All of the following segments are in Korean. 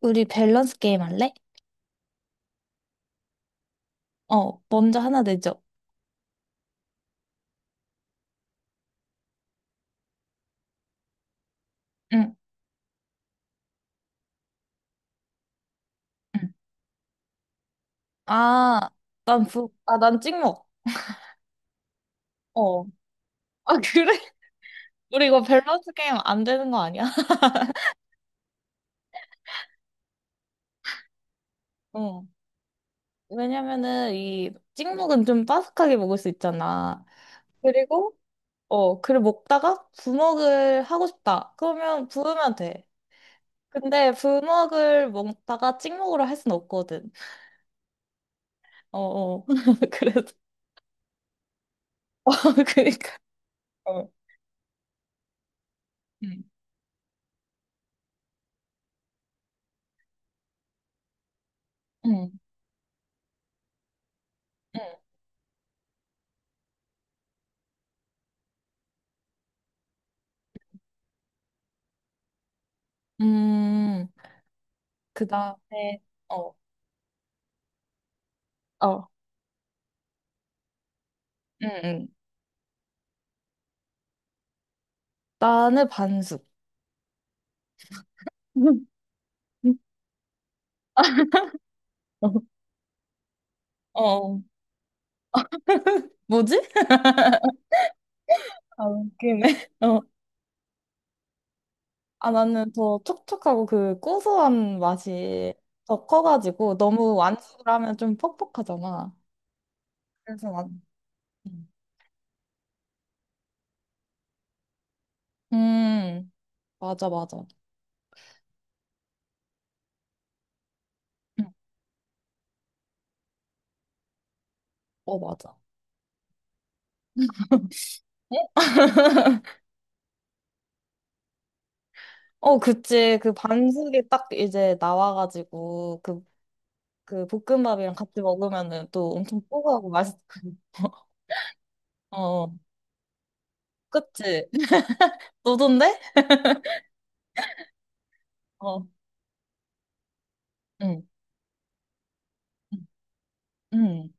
우리 밸런스 게임 할래? 어, 먼저 하나 내죠. 응, 응. 아, 난 부, 아, 난 찍먹. 어. 아, 그래? 우리 이거 밸런스 게임 안 되는 거 아니야? 어. 왜냐면은 이 찍먹은 좀 바삭하게 먹을 수 있잖아. 그리고, 어, 그리고 먹다가 부먹을 하고 싶다. 그러면 부으면 돼. 근데 부먹을 먹다가 찍먹으로 할 순 없거든. 어, 어. 그래서, 어, 그니까. 어. 응, 응. 응. 음. 그 다음에, 어, 어. 응, 응. 나는 반숙. 어. 어, 뭐지? 아, 웃기네. 어. 아, 나는 더 촉촉하고 그 고소한 맛이 더 커가지고 너무 완숙을 하면 좀 퍽퍽하잖아. 그래서 난, 음, 음, 맞아, 맞아. 응. 어, 맞아. 어, 그치. 그 반숙이 딱 이제 나와가지고 그, 그 볶음밥이랑 같이 먹으면은 또 엄청 뽀고하고 맛있고. 어, 그치. 너던데? 어, 응, 응.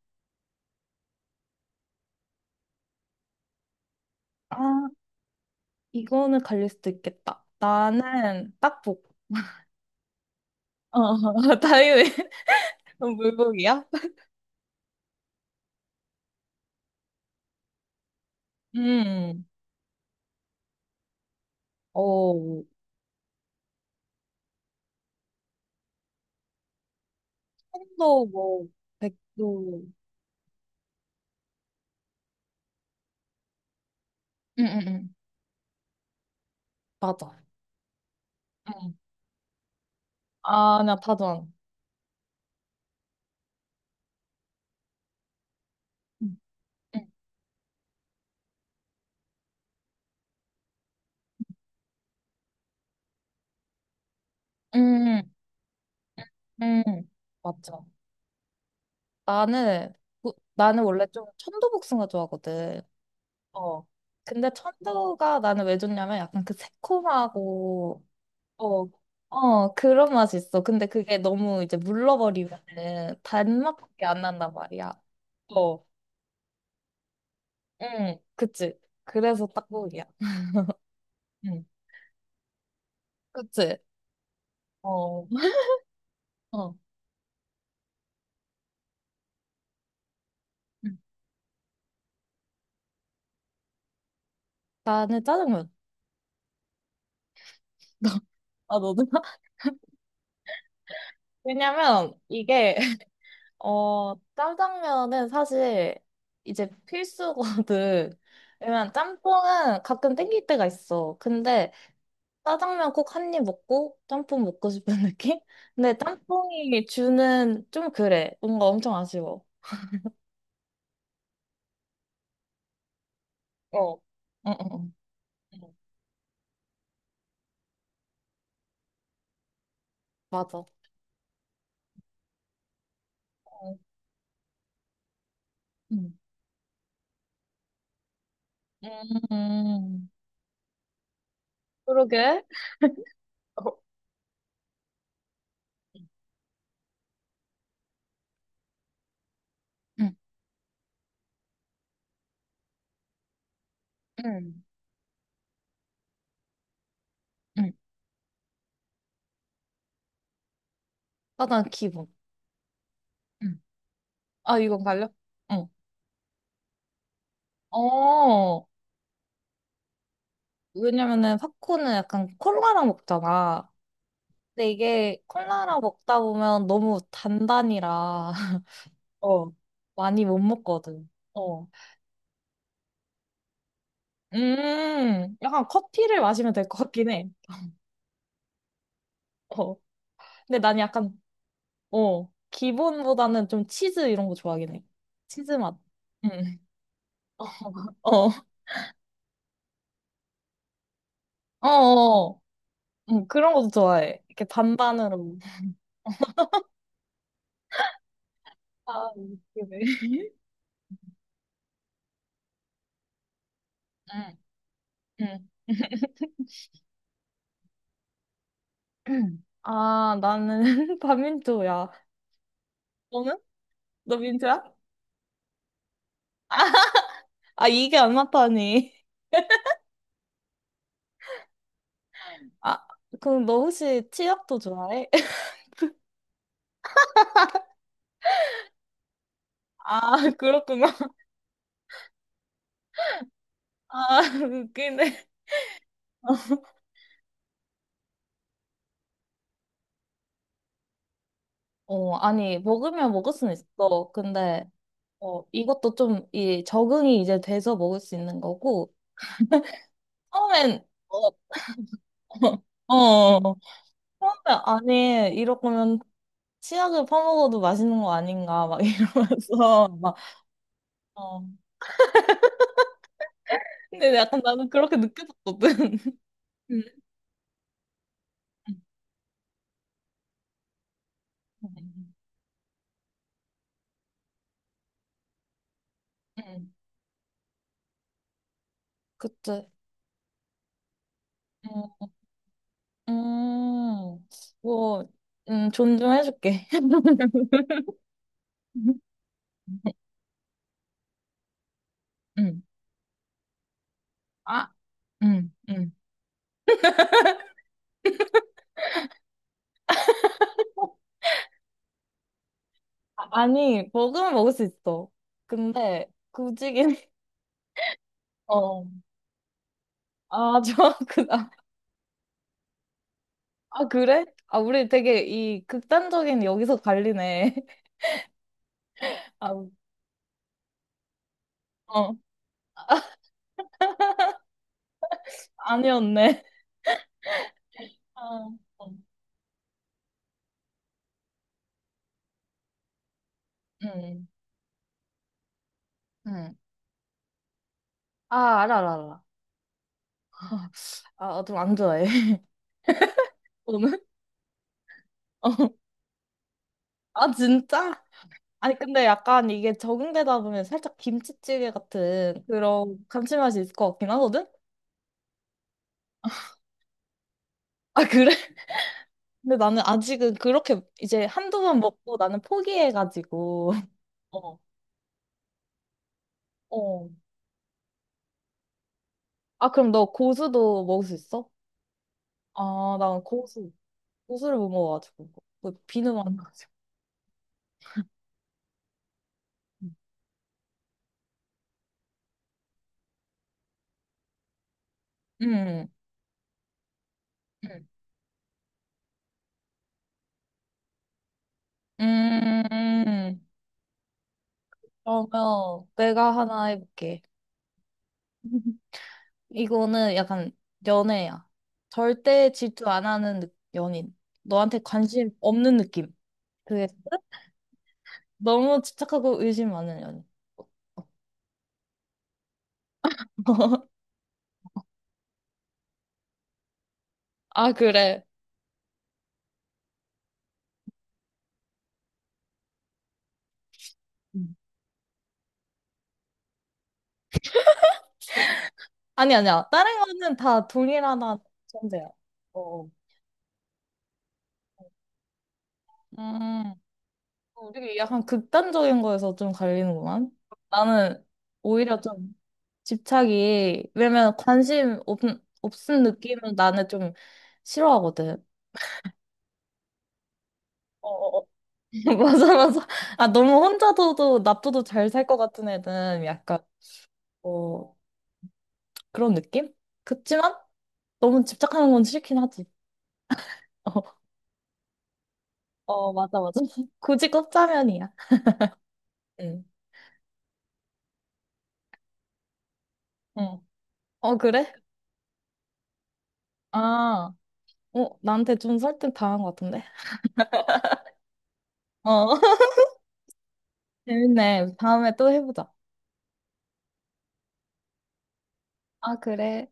아, 이거는 갈릴 수도 있겠다. 나는 딱복. 어, 다이왜 물고기야? 음, 어, 한도 뭐, 백도. 응, 응, 응. 맞아. 응. 아, 나 파전. 응. 응, 응, 응. 맞죠. 나는, 나는 원래 좀 천도복숭아 좋아하거든. 어, 근데 천도가 나는 왜 좋냐면 약간 그 새콤하고 어, 어, 그런 맛이 있어. 근데 그게 너무 이제 물러버리면은 단맛밖에 안 난단 말이야. 어, 응, 그치. 그래서 딱국이야. 응, 그치. 어, 어. 응. 나는 짜장면. 아, 너는? 왜냐면 이게, 어, 짜장면은 사실 이제 필수거든. 왜냐면 짬뽕은 가끔 땡길 때가 있어. 근데 짜장면 꼭 한입 먹고 짬뽕 먹고 싶은 느낌? 근데 짬뽕이 주는 좀 그래. 뭔가 엄청 아쉬워. 어. 응, 응, 응. 응. 맞아. 어. 응. 음. 그러게. 어. 응, 응. 응. 짜장 기본. 응. 아, 이건 갈려? 응. 어, 왜냐면은 팝콘은 약간 콜라랑 먹잖아. 근데 이게 콜라랑 먹다 보면 너무 단단이라 어. 많이 못 먹거든. 어. 약간 커피를 마시면 될 것 같긴 해. 어. 근데 난 약간, 어, 기본보다는 좀 치즈 이런 거 좋아하긴 해. 치즈 맛. 응. 어, 어, 어, 어. 응, 그런 것도 좋아해. 이렇게 반반으로. 아, 그래. 응, 응. 응. 아, 나는 반민초야. 너는? 너 민초야? 아, 이게 안 맞다니. 아, 그럼 너 혹시 치약도 좋아해? 아, 그렇구나. 아, 웃기네. 어, 아니, 먹으면 먹을 수는 있어. 근데, 어, 이것도 좀, 이, 적응이 이제 돼서 먹을 수 있는 거고, 처음엔, 어, 어, 어. 처음에, 아니, 이러면 치약을 퍼먹어도 맛있는 거 아닌가, 막 이러면서, 막, 어. 근데 약간 나는 그렇게 느껴졌거든. 음. 음, 음. 그치. 음, 음, 뭐, 존중해줄게. 음. 아, 음, 음. 아, 아니, 먹으면 먹을 수 있어. 근데, 굳이긴, 어. 아, 저, 그, 아, 아, 그래? 아, 우리 되게 이 극단적인 여기서 갈리네. 아, 어, 아니었네. 아, 어. 응, 응. 아, 알아, 알아, 알아. 아, 좀 안 좋아해. 오늘? 어. 아, 진짜? 아니, 근데 약간 이게 적응되다 보면 살짝 김치찌개 같은 그런 감칠맛이 있을 것 같긴 하거든? 아, 그래? 근데 나는 아직은 그렇게 이제 한두 번 먹고 나는 포기해가지고. 어, 어. 아, 그럼 너 고수도 먹을 수 있어? 아, 난 고수. 고수를 못 먹어가지고. 그 비누만 안 가지고. 음. 음. 음. 그러면 내가 하나 해볼게. 이거는 약간 연애야. 절대 질투 안 하는 느- 연인. 너한테 관심 없는 느낌. 그게 너무 집착하고 의심 많은 연인. 아, 그래. 음. 아니, 아니야. 다른 거는 다 동일하다 전제야. 어. 음, 우리 약간 극단적인 거에서 좀 갈리는구만. 나는 오히려 좀 집착이, 왜냐면 관심 없, 없은 느낌은 나는 좀 싫어하거든. 어, 어, 어. 맞아, 맞아. 아, 너무 혼자서도 놔둬도 잘 살 것 같은 애는 약간, 어, 그런 느낌? 그치만 너무 집착하는 건 싫긴 하지. 어, 어, 맞아, 맞아. 굳이 꼽자면이야. 응. 응. 어, 그래? 아, 어, 나한테 좀 설득 당한 것 같은데? 어, 재밌네. 다음에 또 해보자. 아, 그래.